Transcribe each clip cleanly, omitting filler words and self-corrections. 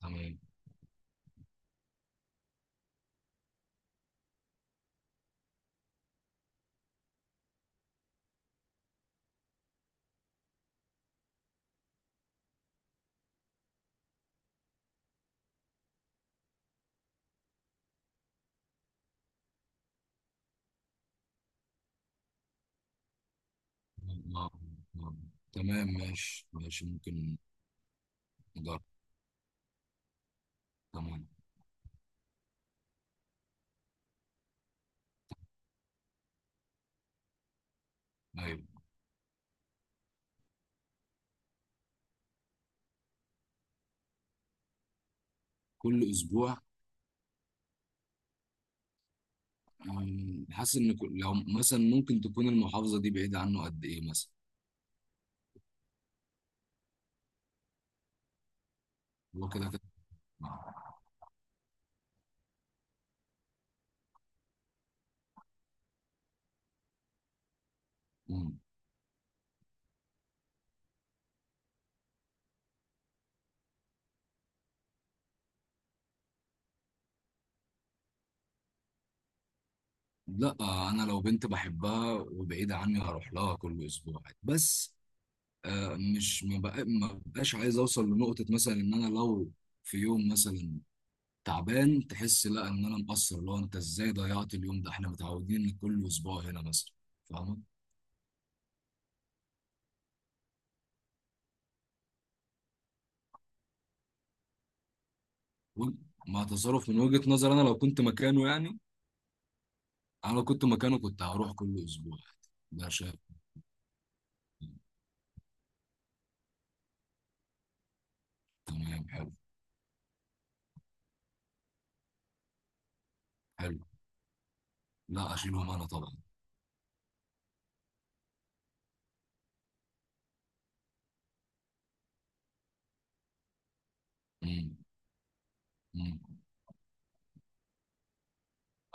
تمام. آه، آه. تمام، ماشي ماشي، ممكن نجرب. تمام. ايوه، كل اسبوع. حاسس ان لو مثلا ممكن تكون المحافظه دي بعيده عنه قد ايه مثلا. هو كده كده. مم. لا آه، انا لو بنت بحبها وبعيده عني هروح لها كل اسبوع عادي. بس آه، مش ما بقى- ما بقاش عايز اوصل لنقطه، مثلا ان انا لو في يوم مثلا تعبان تحس لا ان انا مقصر، لو انت ازاي ضيعت اليوم ده، احنا متعودين إن كل اسبوع هنا مثلا. فاهمه؟ و- مع تصرف من وجهة نظر انا لو كنت مكانه يعني. انا لو كنت مكانه كنت هروح كل اسبوع عادي. ده شايف. تمام، حلو. حلو. لا اشيلهم انا طبعا. مم. مم.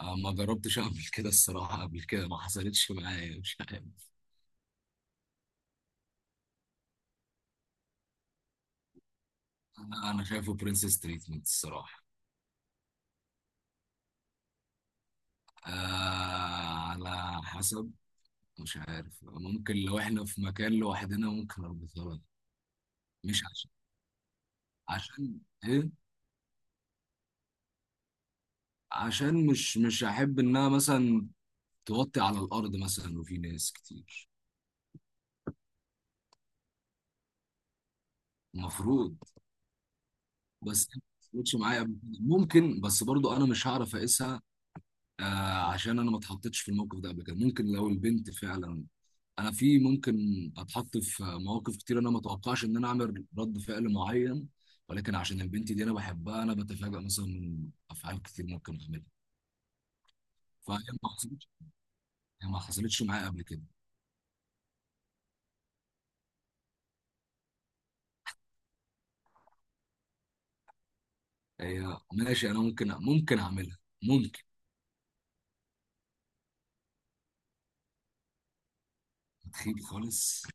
أنا ما جربتش اعمل كده الصراحه، قبل كده ما حصلتش معايا، مش عارف. انا شايفه برنسس تريتمنت الصراحه. آه، على حسب. مش عارف، ممكن لو احنا في مكان لوحدنا ممكن اربطها لها. مش عشان، عشان ايه، عشان مش احب انها مثلا توطي على الارض مثلا وفي ناس كتير. المفروض. بس ما حصلتش معايا قبل كده. ممكن، بس برضو انا مش هعرف اقيسها. آه، عشان انا ما اتحطيتش في الموقف ده قبل كده. ممكن لو البنت فعلا، انا في ممكن اتحط في مواقف كتير انا ما اتوقعش ان انا اعمل رد فعل معين، ولكن عشان البنت دي انا بحبها انا بتفاجئ مثلا من افعال كتير ممكن اعملها. فهي ما حصلتش، هي ما حصلتش معايا قبل كده. هي ماشي، انا ممكن، ممكن اعملها. تخيل خالص.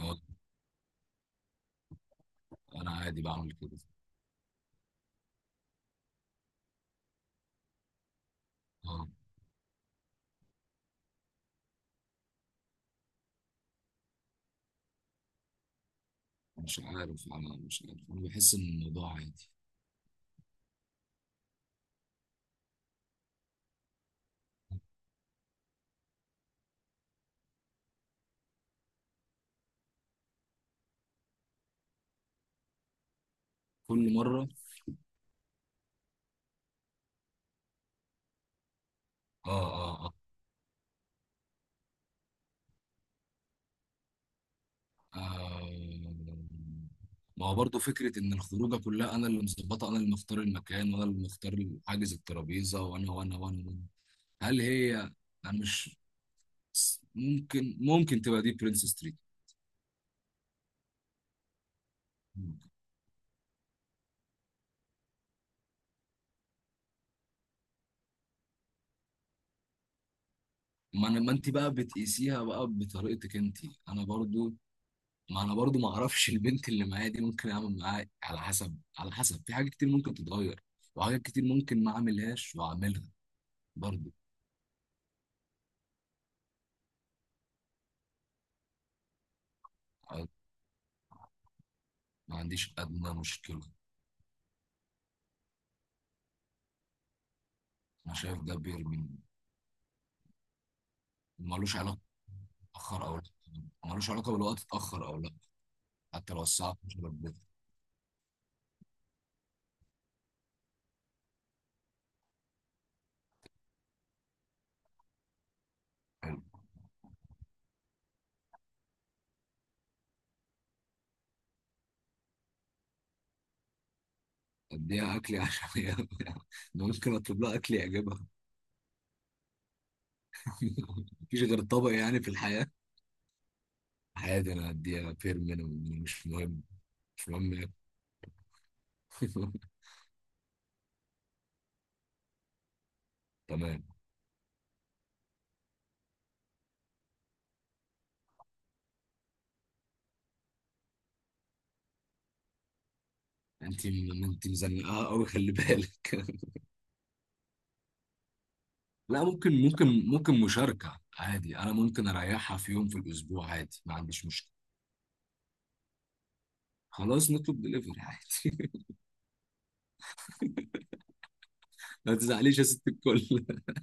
آه، انا عادي بعمل كده. اه، مش عارف، انا مش عارف، انا بحس ان الموضوع عادي. كل مره. اه اه اه. آه، ما هو برضه فكره ان الخروجه كلها انا اللي مظبطه، انا اللي مختار المكان، وانا اللي مختار حاجز الترابيزه، وانا وانا وانا وأنا. هل هي، انا مش، ممكن تبقى دي برنس ستريت. ما انت بقى بتقيسيها بقى بطريقتك انت. انا برضو، ما اعرفش البنت اللي معايا دي ممكن اعمل معاها على حسب، على حسب. في حاجات كتير ممكن تتغير وحاجات كتير ممكن ما اعملهاش واعملها برضو. ما عنديش ادنى مشكله. انا شايف ده بيرمي. ملوش علاقه، اتاخر او لا. ملوش علاقه بالوقت، اتاخر او لا. حتى لو الساعه 12 بالليل. حلو. اديها اكلي عشان هي ده ممكن اطلب لها اكل يعجبها. مفيش غير طبق يعني في الحياه؟ عادي، انا هديها فير مينيمم، مش مهم. مش مهم يعني. تمام. انت مزنقها قوي، خلي بالك. لا، ممكن مشاركه عادي. انا ممكن اريحها في يوم في الاسبوع عادي، ما عنديش مشكله. خلاص نطلب دليفري عادي. ما تزعليش يا ست الكل.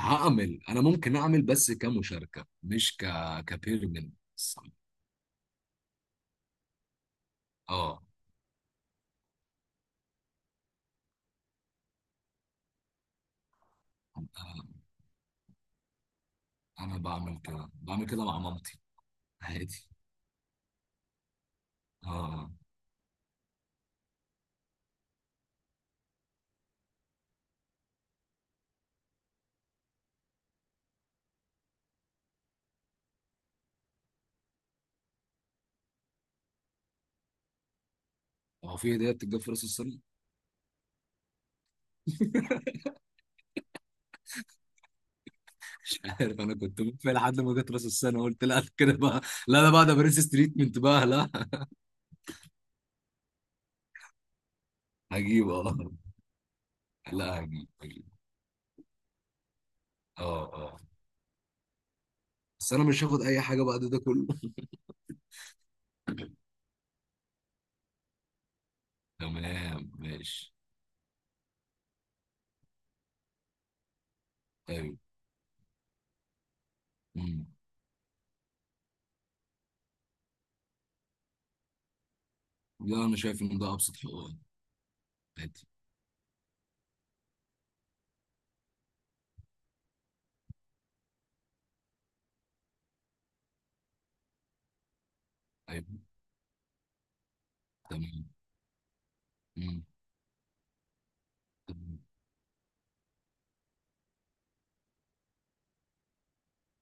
هعمل انا، ممكن اعمل بس كمشاركه، مش كبيرمنت. اه، انا بعمل كده، بعمل كده مع مامتي عادي. اه، هو في هديه بتتجاب في راس السنه؟ عارف، انا كنت في، لحد ما جت راس السنه قلت لا كده بقى. لا انا بعد برنس ستريتمنت بقى، لا. هجيب، اه، لا هجيب، هجيب. اه اه. بس انا مش هاخد اي حاجه بعد ده كله. تمام ماشي. ايوه. امم. لا، انا شايف ان ده ابسط حقوق، عادي. ايوه. تمام. امم. تمام.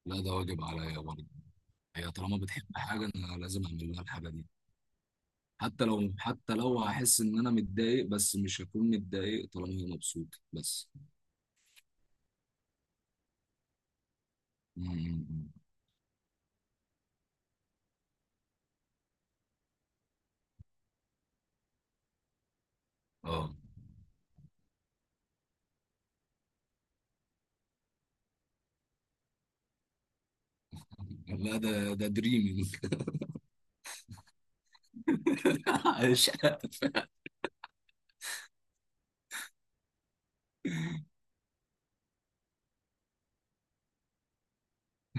لا ده واجب عليا برضه. هي طالما بتحب حاجه انا لازم اعمل لها الحاجه دي. حتى لو، حتى لو هحس ان انا متضايق، بس مش هكون متضايق طالما هي مبسوطه بس. امم. أمم. اه. لا ده ده دريمينج عايش.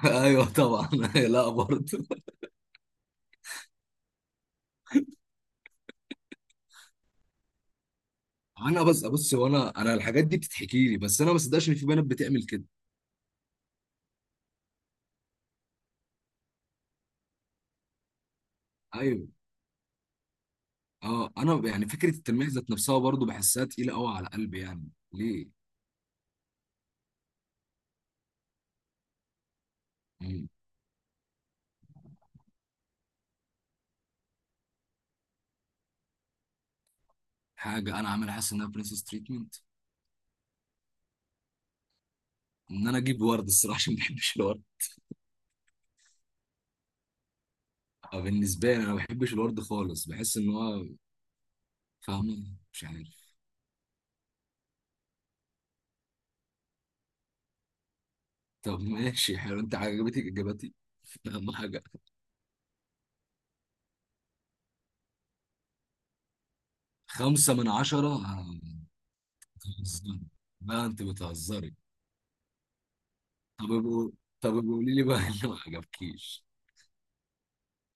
ايوه طبعا. لا برضه. انا بس بص، هو انا الحاجات دي بتتحكي لي، بس انا ما صدقش ان في بنات بتعمل كده. ايوه. اه، انا يعني فكره التلميح ذات نفسها برضه بحسها تقيله قوي على قلبي، يعني ليه؟ مم. حاجه انا عامل حاسس انها برنسس تريتمنت؟ ان انا اجيب ورد الصراحه، عشان ما بحبش الورد. آه، بالنسبه لي انا ما بحبش الورد خالص، بحس ان هو، فاهمه؟ مش عارف. طب ماشي حلو، انت عجبتك اجابتي؟ اهم حاجه. خمسه من عشره آه، بتهزري؟ لا انت بتهزري. طب قول- طب قولي لي بقى اللي ما عجبكيش.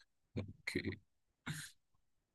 اوكي.